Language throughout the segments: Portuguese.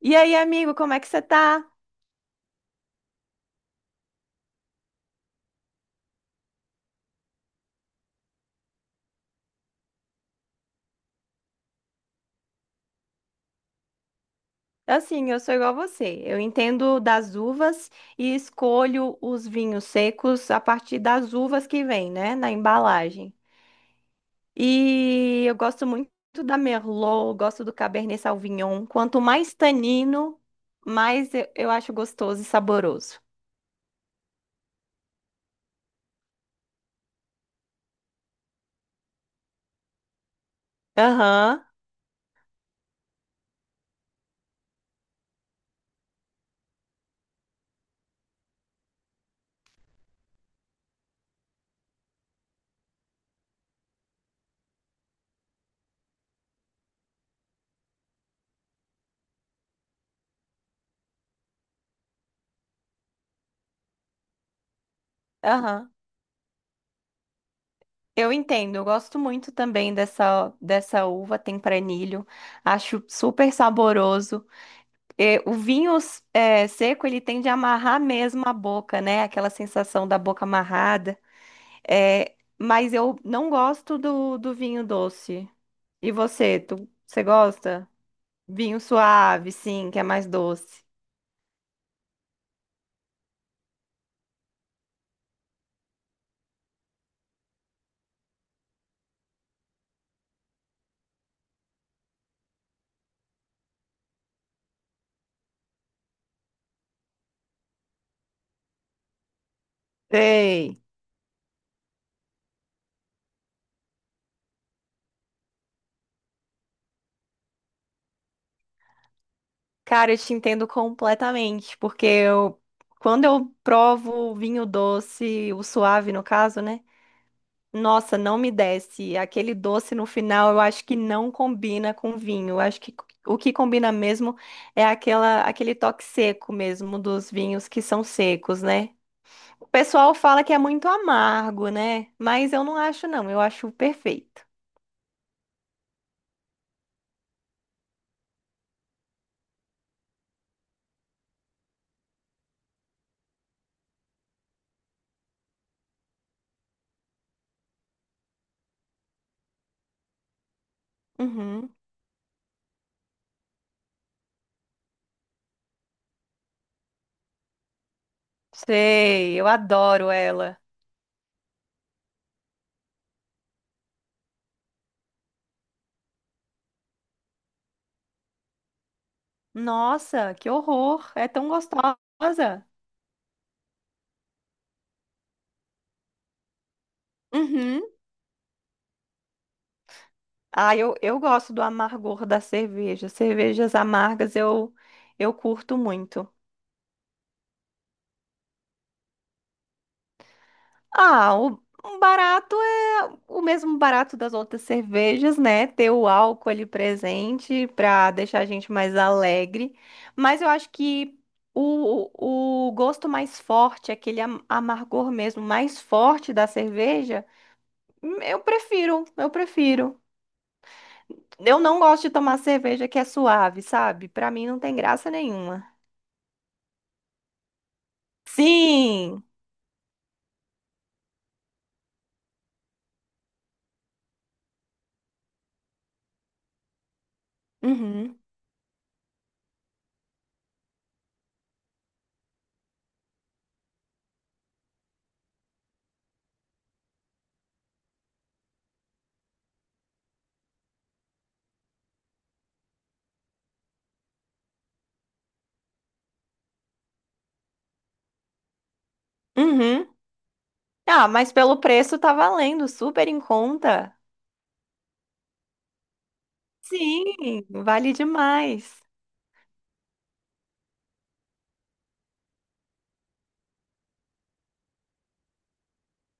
E aí, amigo, como é que você tá? Assim, eu sou igual a você. Eu entendo das uvas e escolho os vinhos secos a partir das uvas que vem, né, na embalagem. E eu gosto muito da Merlot, gosto do Cabernet Sauvignon. Quanto mais tanino, mais eu acho gostoso e saboroso. Aham, aham. Eu entendo, eu gosto muito também dessa uva tempranilho. Acho super saboroso. É, o vinho é, seco, ele tende a amarrar mesmo a boca, né? Aquela sensação da boca amarrada. É, mas eu não gosto do vinho doce. E você, tu, você gosta? Vinho suave, sim, que é mais doce. Ei, cara, eu te entendo completamente, porque quando eu provo vinho doce, o suave no caso, né? Nossa, não me desce. Aquele doce no final, eu acho que não combina com vinho. Eu acho que o que combina mesmo é aquela, aquele toque seco mesmo dos vinhos que são secos, né? O pessoal fala que é muito amargo, né? Mas eu não acho, não. Eu acho perfeito. Uhum. Sei, eu adoro ela. Nossa, que horror! É tão gostosa. Uhum. Ah, eu gosto do amargor da cerveja. Cervejas amargas eu curto muito. Ah, o barato é o mesmo barato das outras cervejas, né? Ter o álcool ali presente para deixar a gente mais alegre. Mas eu acho que o gosto mais forte, aquele amargor mesmo mais forte da cerveja, eu prefiro. Eu não gosto de tomar cerveja que é suave, sabe? Para mim não tem graça nenhuma. Sim! Uhum. Uhum. Ah, mas pelo preço tá valendo, super em conta. Sim, vale demais.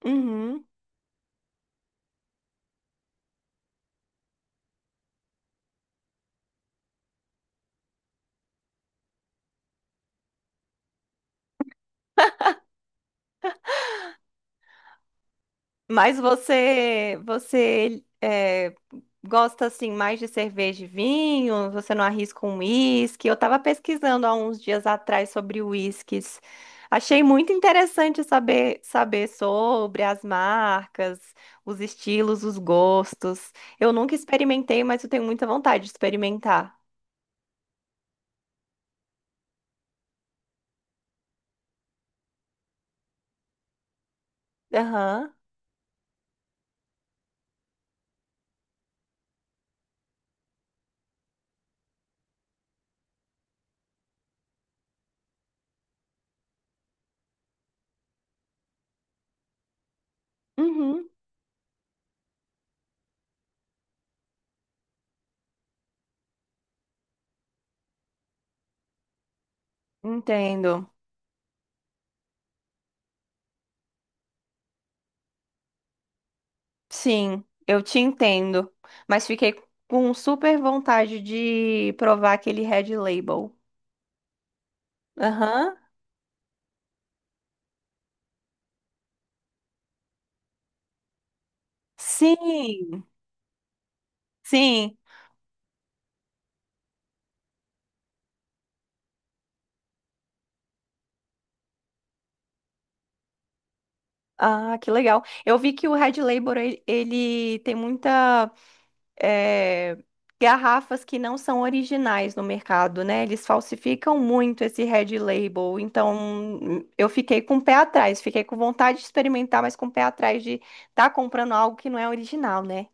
Uhum. Mas você gosta assim mais de cerveja e vinho? Você não arrisca um uísque? Eu estava pesquisando há uns dias atrás sobre uísques. Achei muito interessante saber saber sobre as marcas, os estilos, os gostos. Eu nunca experimentei, mas eu tenho muita vontade de experimentar. Aham. Uhum. Entendo. Sim, eu te entendo. Mas fiquei com super vontade de provar aquele Red Label. Aham. Sim, sim. Ah, que legal. Eu vi que o Red Label, ele tem muita eh, garrafas que não são originais no mercado, né? Eles falsificam muito esse Red Label. Então, eu fiquei com o pé atrás. Fiquei com vontade de experimentar, mas com o pé atrás de estar comprando algo que não é original, né?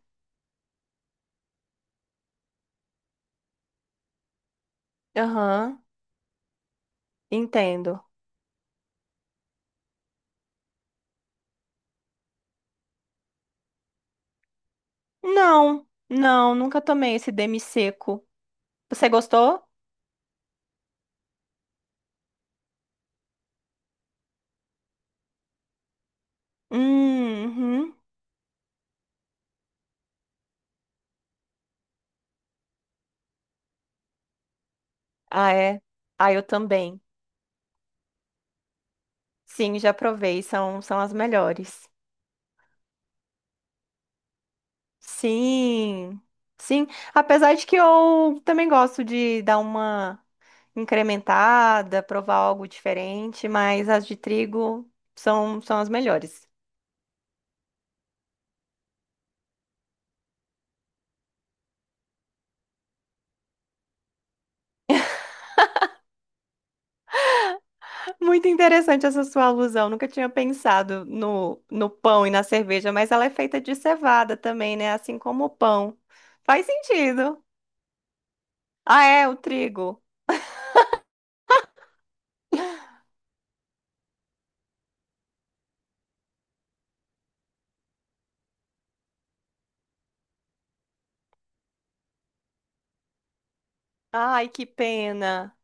Aham, entendo. Não, não, nunca tomei esse demi seco. Você gostou? Uhum. Ah, é. Ah, eu também. Sim, já provei, são, são as melhores. Sim, sim. Apesar de que eu também gosto de dar uma incrementada, provar algo diferente, mas as de trigo são, são as melhores. Muito interessante essa sua alusão. Nunca tinha pensado no pão e na cerveja, mas ela é feita de cevada também, né? Assim como o pão. Faz sentido. Ah, é, o trigo. Ai, que pena.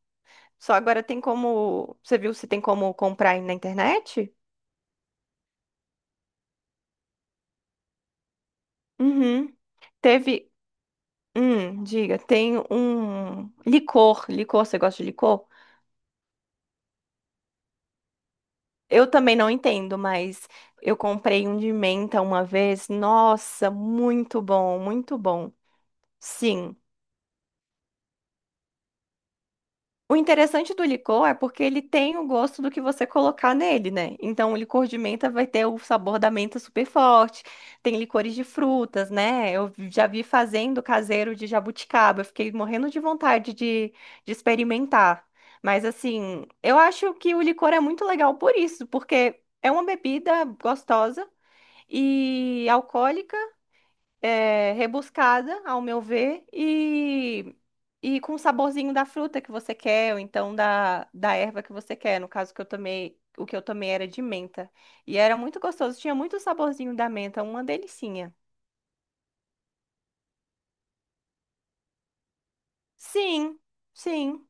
Só agora tem como. Você viu se tem como comprar aí na internet? Uhum. Teve. Diga, tem um licor. Licor, você gosta de licor? Eu também não entendo, mas eu comprei um de menta uma vez. Nossa, muito bom, muito bom. Sim. O interessante do licor é porque ele tem o gosto do que você colocar nele, né? Então, o licor de menta vai ter o sabor da menta super forte. Tem licores de frutas, né? Eu já vi fazendo caseiro de jabuticaba. Eu fiquei morrendo de vontade de experimentar. Mas, assim, eu acho que o licor é muito legal por isso, porque é uma bebida gostosa e alcoólica. É, rebuscada, ao meu ver, e com o saborzinho da fruta que você quer, ou então da erva que você quer. No caso que eu tomei, o que eu tomei era de menta. E era muito gostoso, tinha muito saborzinho da menta, uma delicinha. Sim, sim.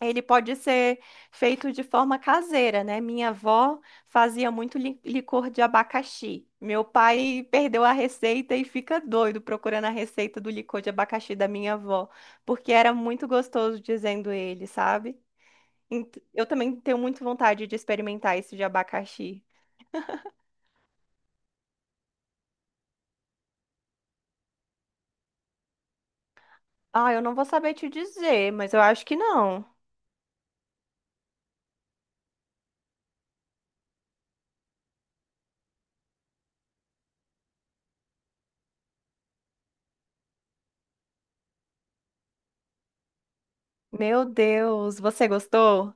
Ele pode ser feito de forma caseira, né? Minha avó fazia muito licor de abacaxi. Meu pai perdeu a receita e fica doido procurando a receita do licor de abacaxi da minha avó, porque era muito gostoso, dizendo ele, sabe? Eu também tenho muito vontade de experimentar esse de abacaxi. Ah, eu não vou saber te dizer, mas eu acho que não. Meu Deus, você gostou?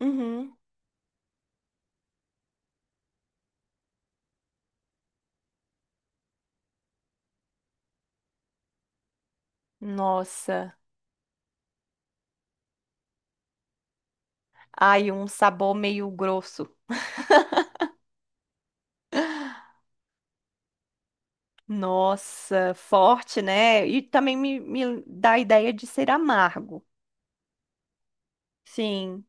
Uhum. Nossa, ai, um sabor meio grosso. Nossa, forte, né? E também me dá a ideia de ser amargo. Sim,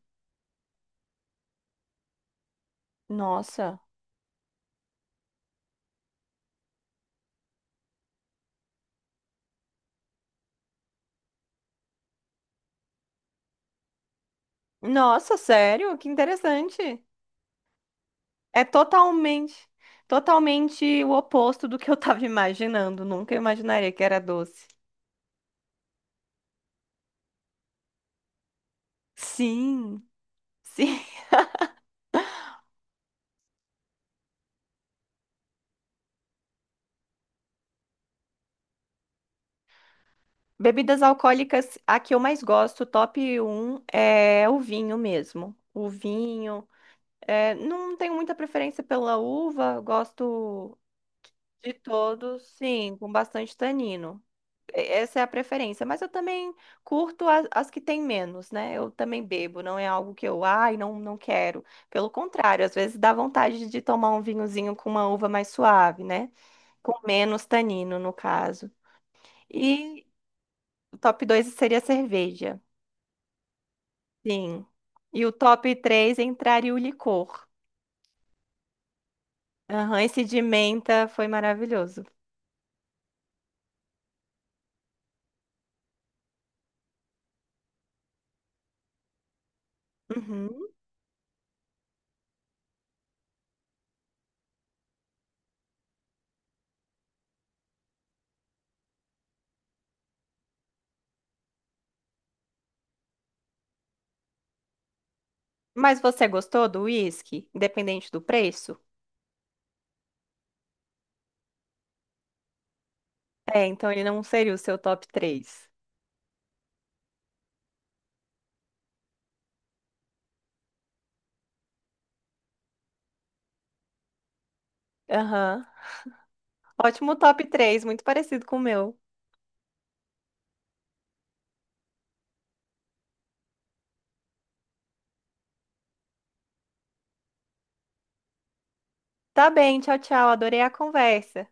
nossa. Nossa, sério? Que interessante. É totalmente, totalmente o oposto do que eu tava imaginando. Nunca imaginaria que era doce. Sim, sim. Bebidas alcoólicas, a que eu mais gosto, top um é o vinho mesmo. O vinho. É, não tenho muita preferência pela uva, gosto. De todos, sim, com bastante tanino. Essa é a preferência, mas eu também curto as, as que têm menos, né? Eu também bebo, não é algo que eu, ai, não, não quero. Pelo contrário, às vezes dá vontade de tomar um vinhozinho com uma uva mais suave, né? Com menos tanino, no caso. E o top 2 seria a cerveja, sim. E o top 3 entraria o licor. Aham, esse de menta foi maravilhoso. Uhum. Mas você gostou do whisky, independente do preço? É, então ele não seria o seu top três. Aham. Ótimo top 3, muito parecido com o meu. Tá bem, tchau, tchau. Adorei a conversa.